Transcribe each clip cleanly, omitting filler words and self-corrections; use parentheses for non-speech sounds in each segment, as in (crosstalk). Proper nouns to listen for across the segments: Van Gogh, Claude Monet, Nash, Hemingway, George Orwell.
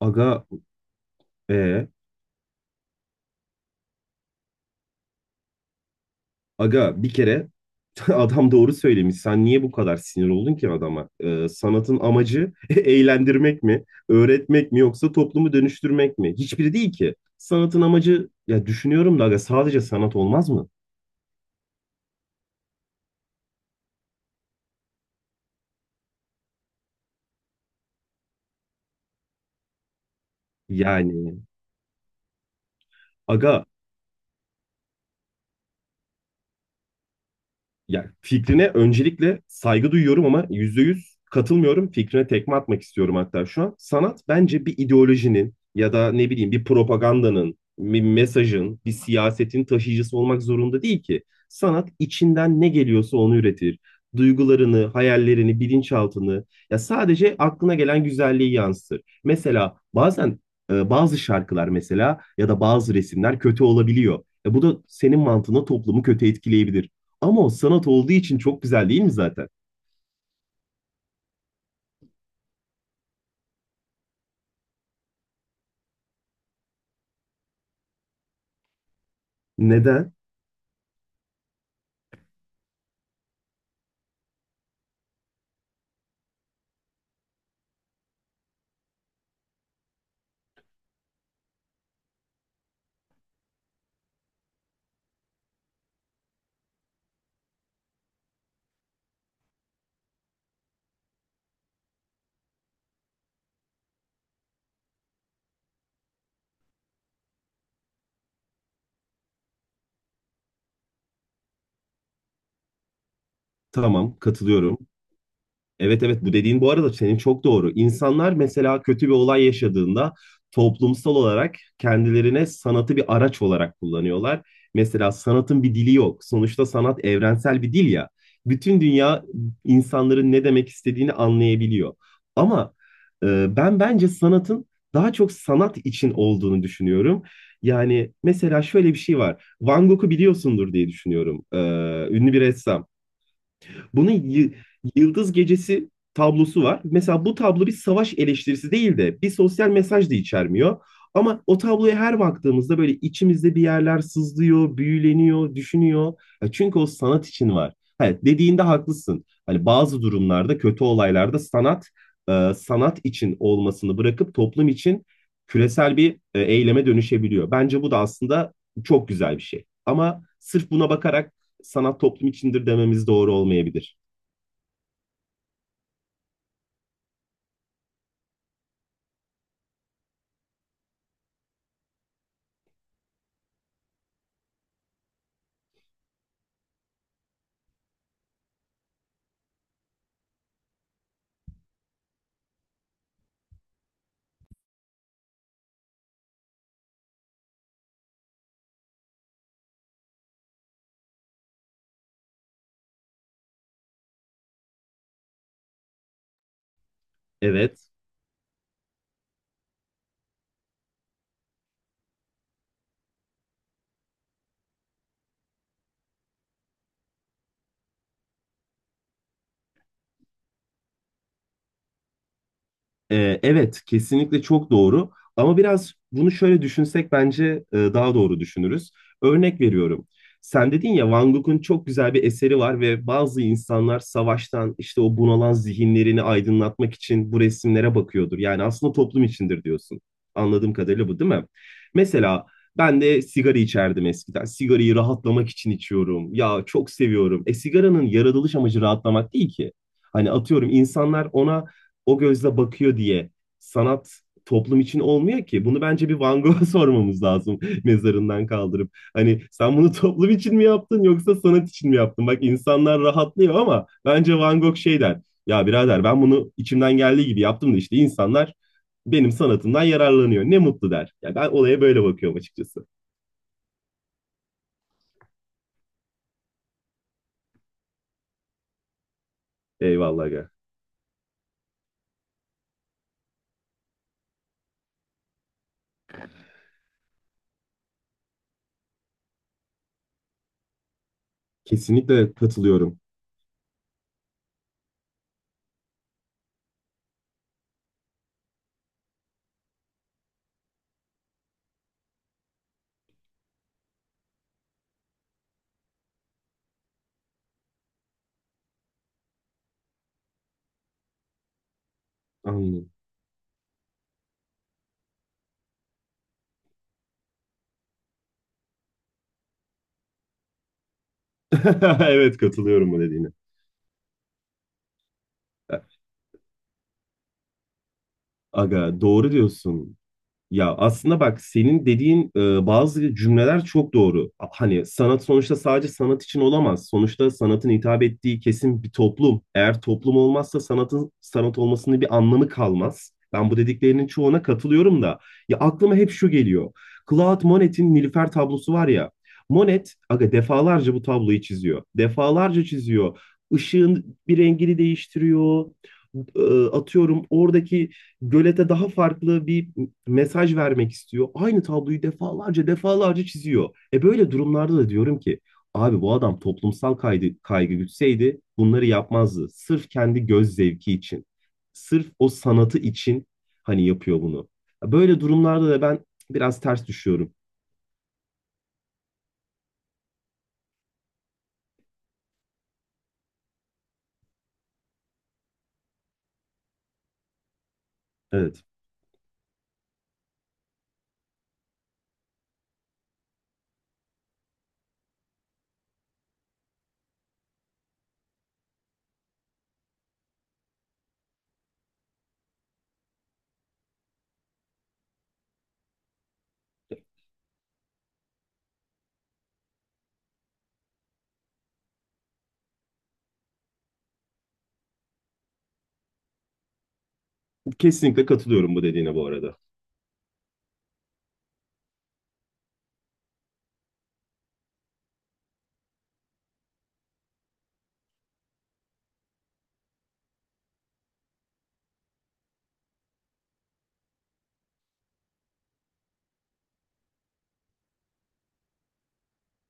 Aga, e, aga bir kere (laughs) adam doğru söylemiş. Sen niye bu kadar sinir oldun ki adama? Sanatın amacı (laughs) eğlendirmek mi, öğretmek mi yoksa toplumu dönüştürmek mi? Hiçbiri değil ki. Sanatın amacı ya düşünüyorum da aga sadece sanat olmaz mı? Yani aga Ya fikrine öncelikle saygı duyuyorum ama yüzde yüz katılmıyorum. Fikrine tekme atmak istiyorum hatta şu an. Sanat bence bir ideolojinin ya da ne bileyim bir propagandanın, bir mesajın, bir siyasetin taşıyıcısı olmak zorunda değil ki. Sanat içinden ne geliyorsa onu üretir. Duygularını, hayallerini, bilinçaltını ya sadece aklına gelen güzelliği yansıtır. Mesela bazen bazı şarkılar mesela ya da bazı resimler kötü olabiliyor. Bu da senin mantığına toplumu kötü etkileyebilir. Ama o sanat olduğu için çok güzel değil mi zaten? Neden? Tamam, katılıyorum. Evet, evet, bu dediğin bu arada senin çok doğru. İnsanlar mesela kötü bir olay yaşadığında toplumsal olarak kendilerine sanatı bir araç olarak kullanıyorlar. Mesela sanatın bir dili yok. Sonuçta sanat evrensel bir dil ya. Bütün dünya insanların ne demek istediğini anlayabiliyor. Ama ben bence sanatın daha çok sanat için olduğunu düşünüyorum. Yani mesela şöyle bir şey var. Van Gogh'u biliyorsundur diye düşünüyorum. Ünlü bir ressam. Bunun y- Yıldız Gecesi tablosu var. Mesela bu tablo bir savaş eleştirisi değil de bir sosyal mesaj da içermiyor. Ama o tabloya her baktığımızda böyle içimizde bir yerler sızlıyor, büyüleniyor, düşünüyor. Ya çünkü o sanat için var. Evet, dediğinde haklısın. Hani bazı durumlarda, kötü olaylarda sanat sanat için olmasını bırakıp toplum için küresel bir eyleme dönüşebiliyor. Bence bu da aslında çok güzel bir şey. Ama sırf buna bakarak sanat toplum içindir dememiz doğru olmayabilir. Evet. Evet, kesinlikle çok doğru. Ama biraz bunu şöyle düşünsek bence daha doğru düşünürüz. Örnek veriyorum. Sen dedin ya Van Gogh'un çok güzel bir eseri var ve bazı insanlar savaştan işte o bunalan zihinlerini aydınlatmak için bu resimlere bakıyordur. Yani aslında toplum içindir diyorsun. Anladığım kadarıyla bu değil mi? Mesela ben de sigara içerdim eskiden. Sigarayı rahatlamak için içiyorum. Ya çok seviyorum. E sigaranın yaratılış amacı rahatlamak değil ki. Hani atıyorum insanlar ona o gözle bakıyor diye sanat toplum için olmuyor ki. Bunu bence bir Van Gogh'a (laughs) sormamız lazım mezarından kaldırıp. Hani sen bunu toplum için mi yaptın yoksa sanat için mi yaptın? Bak insanlar rahatlıyor ama bence Van Gogh şey der. Ya birader ben bunu içimden geldiği gibi yaptım da işte insanlar benim sanatımdan yararlanıyor. Ne mutlu der. Ya ben olaya böyle bakıyorum açıkçası. Eyvallah aga. Kesinlikle katılıyorum. Anladım. (laughs) Evet, katılıyorum bu dediğine. Aga doğru diyorsun. Ya aslında bak senin dediğin bazı cümleler çok doğru. Hani sanat sonuçta sadece sanat için olamaz. Sonuçta sanatın hitap ettiği kesim bir toplum. Eğer toplum olmazsa sanatın sanat olmasının bir anlamı kalmaz. Ben bu dediklerinin çoğuna katılıyorum da. Ya aklıma hep şu geliyor. Claude Monet'in Nilüfer tablosu var ya. Monet aga defalarca bu tabloyu çiziyor. Defalarca çiziyor. Işığın bir rengini değiştiriyor. E, Atıyorum oradaki gölete daha farklı bir mesaj vermek istiyor. Aynı tabloyu defalarca defalarca çiziyor. E böyle durumlarda da diyorum ki abi bu adam toplumsal kaygı gütseydi bunları yapmazdı. Sırf kendi göz zevki için. Sırf o sanatı için hani yapıyor bunu. Böyle durumlarda da ben biraz ters düşüyorum. Evet. Kesinlikle katılıyorum bu dediğine bu arada.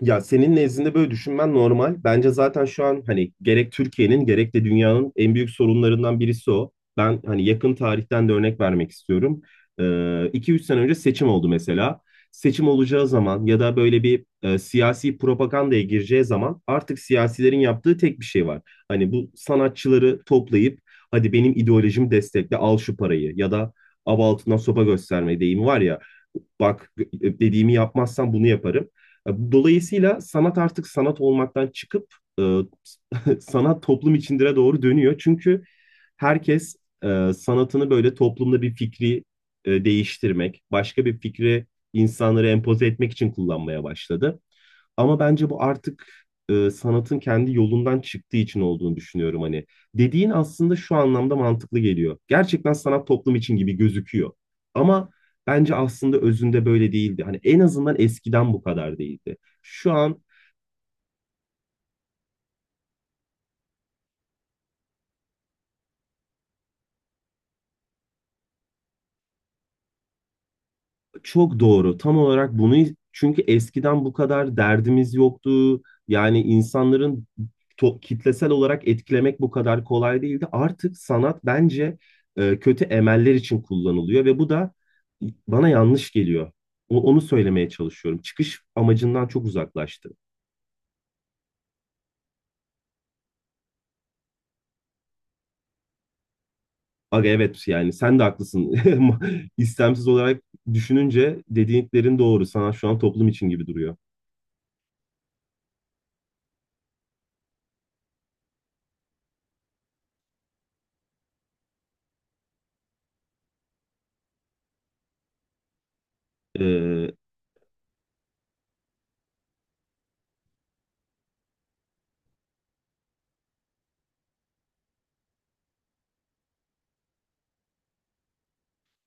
Ya senin nezdinde böyle düşünmen normal. Bence zaten şu an hani gerek Türkiye'nin gerek de dünyanın en büyük sorunlarından birisi o. Ben hani yakın tarihten de örnek vermek istiyorum. Ee, 2-3 sene önce seçim oldu mesela. Seçim olacağı zaman ya da böyle bir siyasi propagandaya gireceği zaman artık siyasilerin yaptığı tek bir şey var. Hani bu sanatçıları toplayıp hadi benim ideolojimi destekle al şu parayı ya da av altından sopa gösterme deyimi var ya bak dediğimi yapmazsan bunu yaparım. Dolayısıyla sanat artık sanat olmaktan çıkıp e, (laughs) sanat toplum içindire doğru dönüyor. Çünkü herkes sanatını böyle toplumda bir fikri değiştirmek, başka bir fikri insanlara empoze etmek için kullanmaya başladı. Ama bence bu artık sanatın kendi yolundan çıktığı için olduğunu düşünüyorum hani. Dediğin aslında şu anlamda mantıklı geliyor. Gerçekten sanat toplum için gibi gözüküyor. Ama bence aslında özünde böyle değildi. Hani en azından eskiden bu kadar değildi. Şu an çok doğru. Tam olarak bunu çünkü eskiden bu kadar derdimiz yoktu. Yani insanların kitlesel olarak etkilemek bu kadar kolay değildi. Artık sanat bence kötü emeller için kullanılıyor ve bu da bana yanlış geliyor. Onu söylemeye çalışıyorum. Çıkış amacından çok uzaklaştı. Aga evet, yani sen de haklısın. (laughs) İstemsiz olarak düşününce dediklerin doğru. Sanat şu an toplum için gibi duruyor. Ee,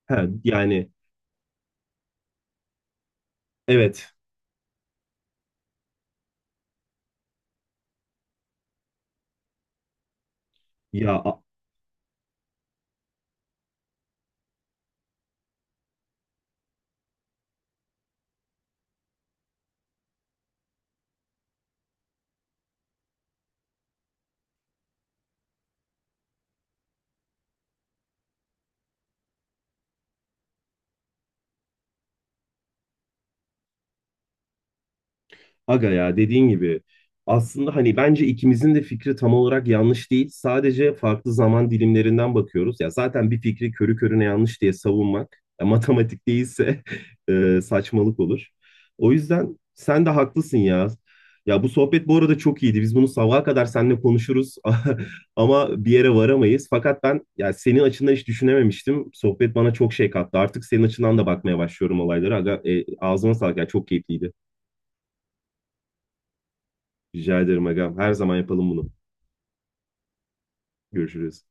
he, yani evet. Ya Aga ya dediğin gibi aslında hani bence ikimizin de fikri tam olarak yanlış değil. Sadece farklı zaman dilimlerinden bakıyoruz. Ya zaten bir fikri körü körüne yanlış diye savunmak ya matematik değilse (laughs) saçmalık olur. O yüzden sen de haklısın ya. Ya bu sohbet bu arada çok iyiydi. Biz bunu sabaha kadar seninle konuşuruz (laughs) ama bir yere varamayız. Fakat ben ya senin açından hiç düşünememiştim. Sohbet bana çok şey kattı. Artık senin açından da bakmaya başlıyorum olaylara. Aga, ağzına sağlık. Ya çok keyifliydi. Rica ederim agam. Her zaman yapalım bunu. Görüşürüz.